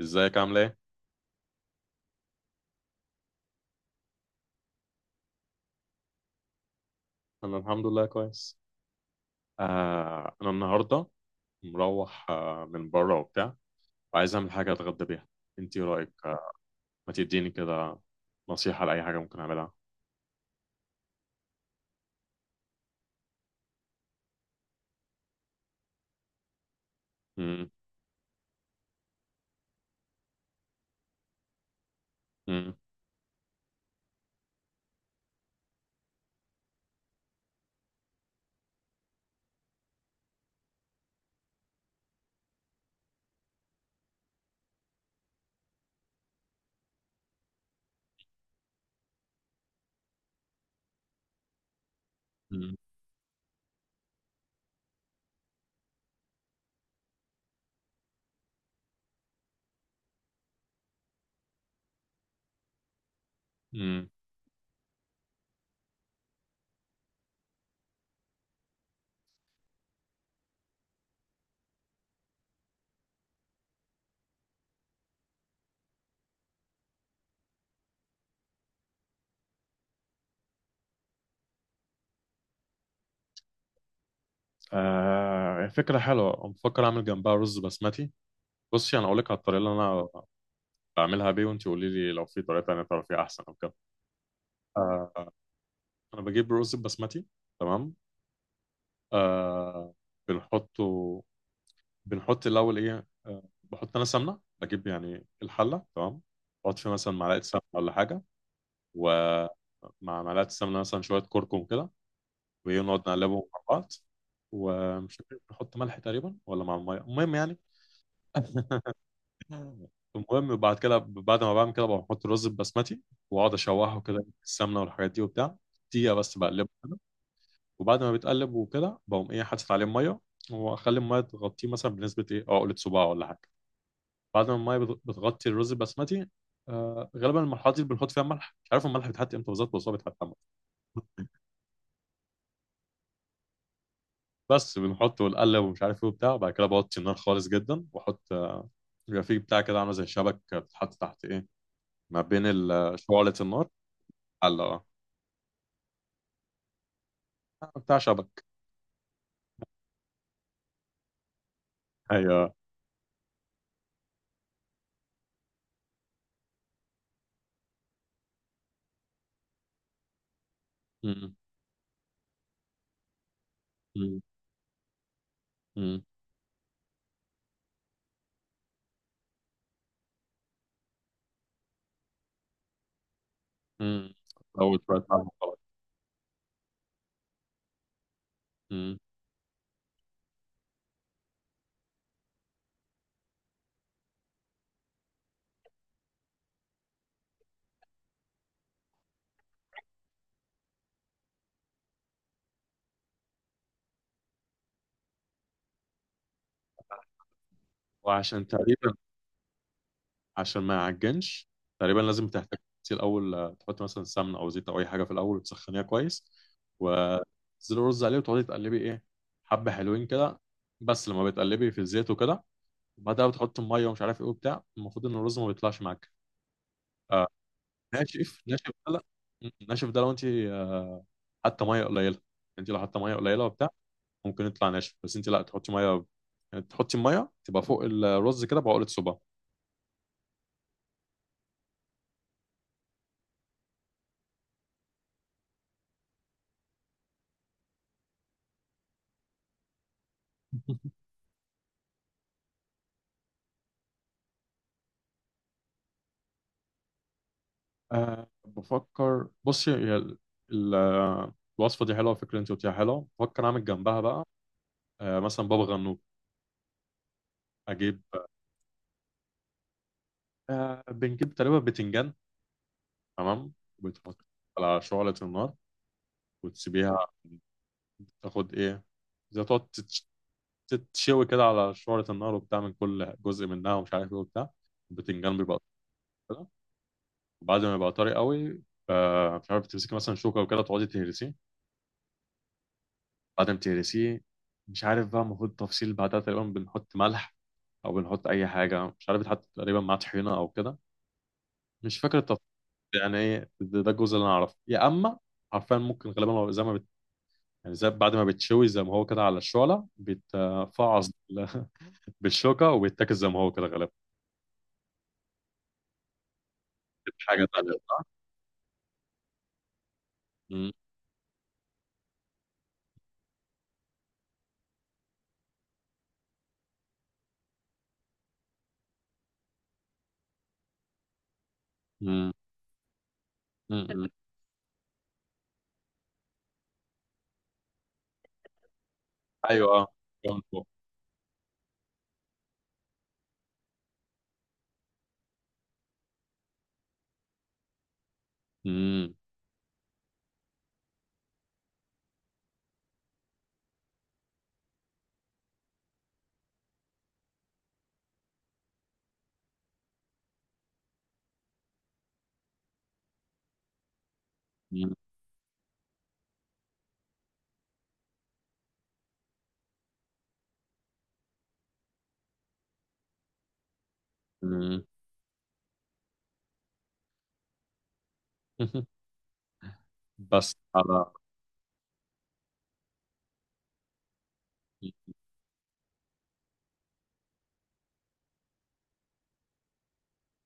ازيك عامل ايه؟ انا الحمد لله كويس. انا النهارده مروح، من بره وبتاع، وعايز اعمل حاجه اتغدى بيها. انت ايه رايك؟ ما تديني كده نصيحه لاي حاجه ممكن اعملها. مم، مم، مم، مم. آه، فكره حلوه، بفكر اعمل جنبها رز بسمتي. بصي، انا اقول لك على الطريقه اللي انا بعملها بيه، وانت قولي لي لو في طريقه تانيه تعرفيها احسن او كده. آه، انا بجيب رز بسمتي، تمام، آه، بنحطه، بنحط الاول ايه، بحط انا سمنه، بجيب يعني الحله تمام، بحط فيها مثلا معلقه سمنه ولا حاجه، ومع معلقه السمنه مثلا شويه كركم كده، وايه، نقعد نقلبهم مع بعض. ومش فاكر بحط ملح تقريبا ولا مع الميه، المهم يعني. المهم، وبعد كده، بعد ما بعمل كده، بحط الرز البسمتي واقعد اشوحه كده في السمنه والحاجات دي وبتاع. دقيقه بس بقلبه كده، وبعد ما بيتقلب وكده بقوم ايه، حاطط عليه ميه، واخلي الميه تغطيه مثلا بنسبه ايه، عقله صباع ولا حاجه. بعد ما الميه بتغطي الرز البسمتي، آه، غالبا المرحله دي بنحط فيها الملح. مش عارف الملح بيتحط امتى بالظبط، بس هو بيتحط عامة. بس بنحطه ونقلب ومش عارف ايه وبتاع، وبعد كده بوطي النار خالص جدا واحط بيبقى فيه بتاع كده عامله زي شبك، بتتحط تحت ايه، ما بين شعلة النار، حلة، اه، آه، بتاع شبك. ايوه. امم، امم، امم، امم. اول شويه ملح وخلاص. أمم. وعشان تقريبا، عشان ما يعجنش، تقريبا لازم تحتاج تغسيه الأول، تحط مثلا سمنة أو زيت أو أي حاجة في الأول وتسخنيها كويس وتنزلي الرز عليه، وتقعدي تقلبي إيه، حبة حلوين كده، بس لما بتقلبي في الزيت وكده، وبعدها بتحط المية ومش عارف إيه وبتاع. المفروض إن الرز ما بيطلعش معاك، آه، ناشف. ناشف ده لا، ناشف ده لو أنت، حاطة مية قليلة. أنت لو حاطة مية قليلة وبتاع ممكن يطلع ناشف، بس أنت لا تحطي مية، يعني تحطي المية تبقى فوق الرز كده بعقلة صباع. أه، بفكر، بصي، هي الوصفة دي حلوة، الفكرة اللي انت قلتيها حلوة. بفكر اعمل جنبها بقى أه مثلا بابا غنوج. اجيب، أه، بنجيب تقريبا بتنجان، تمام، وبتحط على شعلة النار وتسيبيها تاخد ايه، زي تقعد تتشوي كده على شعلة النار وبتاع من كل جزء منها ومش عارف ايه وبتاع. البتنجان بيبقى طري كده، وبعد ما يبقى طري قوي، آه، مش عارف، تمسكي مثلا شوكة وكده تقعدي تهرسيه. بعدين بتهرسيه، مش عارف بقى المفروض تفصيل بعدها، تقريبا بنحط ملح او بنحط اي حاجه، مش عارف بيتحط تقريبا مع طحينه او كده، مش فاكر التفصيل يعني. ايه ده، ده الجزء اللي انا اعرفه. يا اما حرفيا ممكن غالبا هو زي ما بت... يعني زي، بعد ما بتشوي زي ما هو كده على الشعله، بيتفعص بالشوكه وبيتاكل زي ما هو كده غالبا. بتبقى حاجه تانيه صح؟ مم. مم. مم. مم. ايوه، اه، جوان فوق. مم. مم. مم. بس على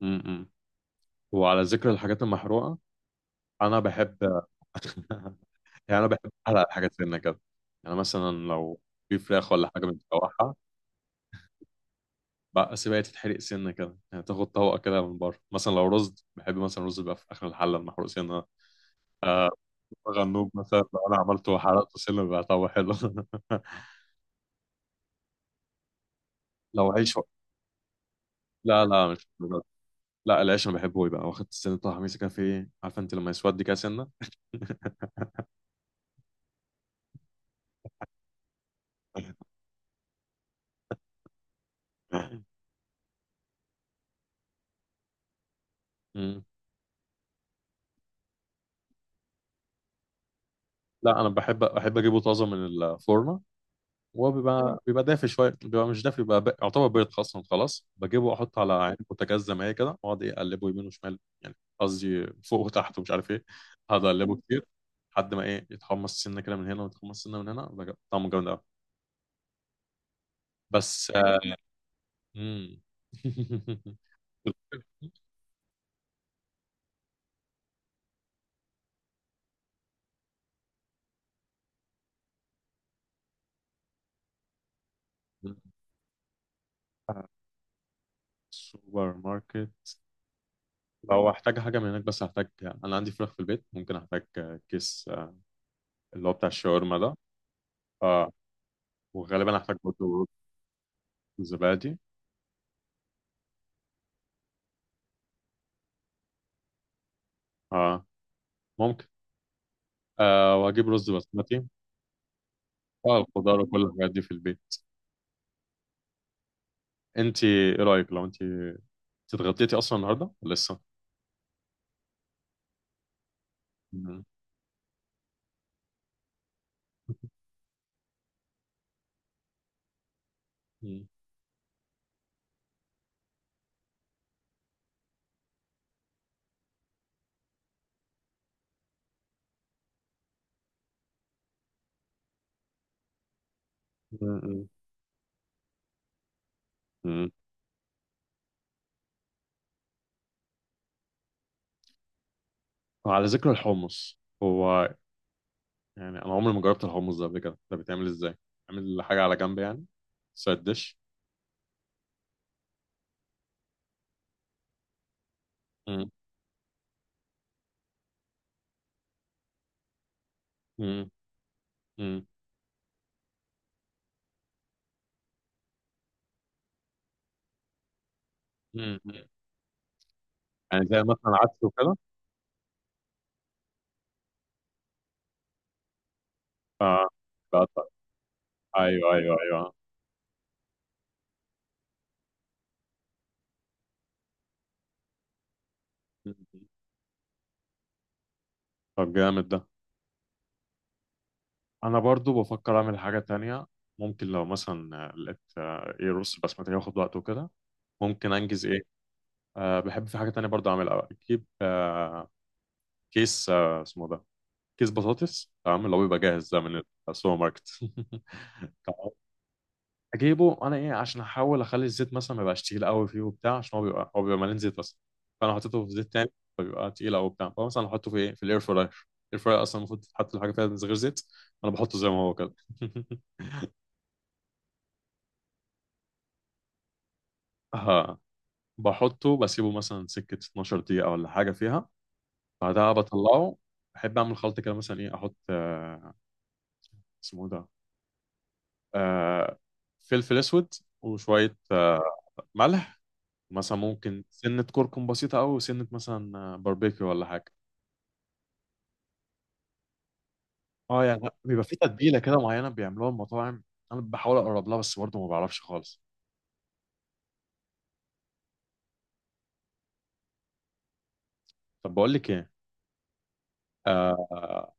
م- م- وعلى ذكر الحاجات المحروقة، انا بحب يعني انا بحب احلق الحاجات سنه كده. يعني مثلا لو في فراخ ولا حاجه متشوحه بقى، سيبها تتحرق سنه كده. يعني تاخد طبقه كده من بره، مثلا لو رز، بحب مثلا رز بقى في اخر الحله المحروق سنه. آه، غنوج مثلا لو انا عملته وحرقته سنه بقى طعمه حلو. لو عيش و... لا لا، مش بالضبط. لا، العيش انا بحبه يبقى واخد السنه، بتاع حميسه كده في ايه، عارفه انت لما يسود كده سنه. مم. لا، انا بحب، اجيبه طازه من الفرن وهو بيبقى، دافي شويه، بيبقى مش دافي، بيبقى يعتبر بيض اصلا. خلاص بجيبه واحطه على عين بوتاجاز زي ما هي كده، واقعد إيه، اقلبه يمين وشمال، يعني قصدي فوق وتحت، ومش عارف ايه، اقعد اقلبه مم. كتير، لحد ما ايه، يتحمص سنه كده من هنا ويتحمص سنه من هنا، بقى طعمه جامد قوي. بس آه، مم. سوبر ماركت، لو احتاج حاجه من هناك، بس هحتاج، انا عندي فراخ في البيت، ممكن احتاج كيس، آه، اللي هو بتاع الشاورما ده، آه، وغالبا هحتاج برضه رز، زبادي، اه، ممكن، آه، واجيب رز بسمتي. اه، الخضار وكل الحاجات دي في البيت. انت ايه رايك، لو انت اتغديتي اصلا النهارده ولا لسه؟ مم. مم. مم. مم. وعلى ذكر الحمص، هو يعني انا عمري ما جربت الحمص ده قبل كده. ده بيتعمل ازاي؟ عامل حاجه على جنب يعني، سايد ديش. مم. مم. مم. مم. يعني زي مثلا عدس وكده. اه، بقطع. ايوه، ايوه، ايوه. مم. طب جامد ده. انا برضو بفكر اعمل حاجة تانية. ممكن لو مثلا لقيت، ايه، رز بسمتي ياخد وقت وكده، ممكن انجز ايه، أه، بحب في حاجة تانية برضو اعملها، اجيب أه كيس، اسمه ده، كيس بطاطس، تمام، اللي هو بيبقى جاهز ده من السوبر ماركت. تمام. اجيبه انا ايه، عشان احاول اخلي الزيت مثلا ما يبقاش تقيل قوي فيه وبتاع، عشان هو بيبقى، مليان زيت اصلا، فانا حطيته في زيت تاني، فبيبقى تقيل قوي وبتاع، فمثلا احطه في ايه، في الاير فراير. الاير فراير اصلا المفروض تحط الحاجة فيها غير زيت، انا بحطه زي ما هو كده. اه، بحطه، بسيبه مثلا سكة 12 دقيقة ولا حاجة فيها، بعدها بطلعه. بحب أعمل خلط كده، مثلا إيه، أحط اسمه ده، آه، فلفل أسود، وشوية ملح، مثلا ممكن سنة كركم بسيطة أوي، وسنة مثلا باربيكيو ولا حاجة. اه، يعني لأ، بيبقى في تتبيلة كده معينة بيعملوها المطاعم، أنا بحاول أقرب لها بس برضه ما بعرفش خالص. طب بقول لك إيه، آه،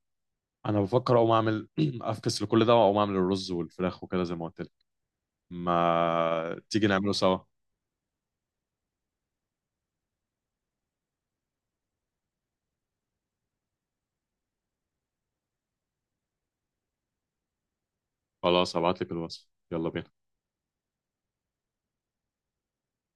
أنا بفكر أقوم أعمل أفكس لكل ده وأقوم أعمل الرز والفراخ وكده زي ما قلت لك. ما تيجي نعمله سوا؟ خلاص هبعت لك الوصف، يلا بينا.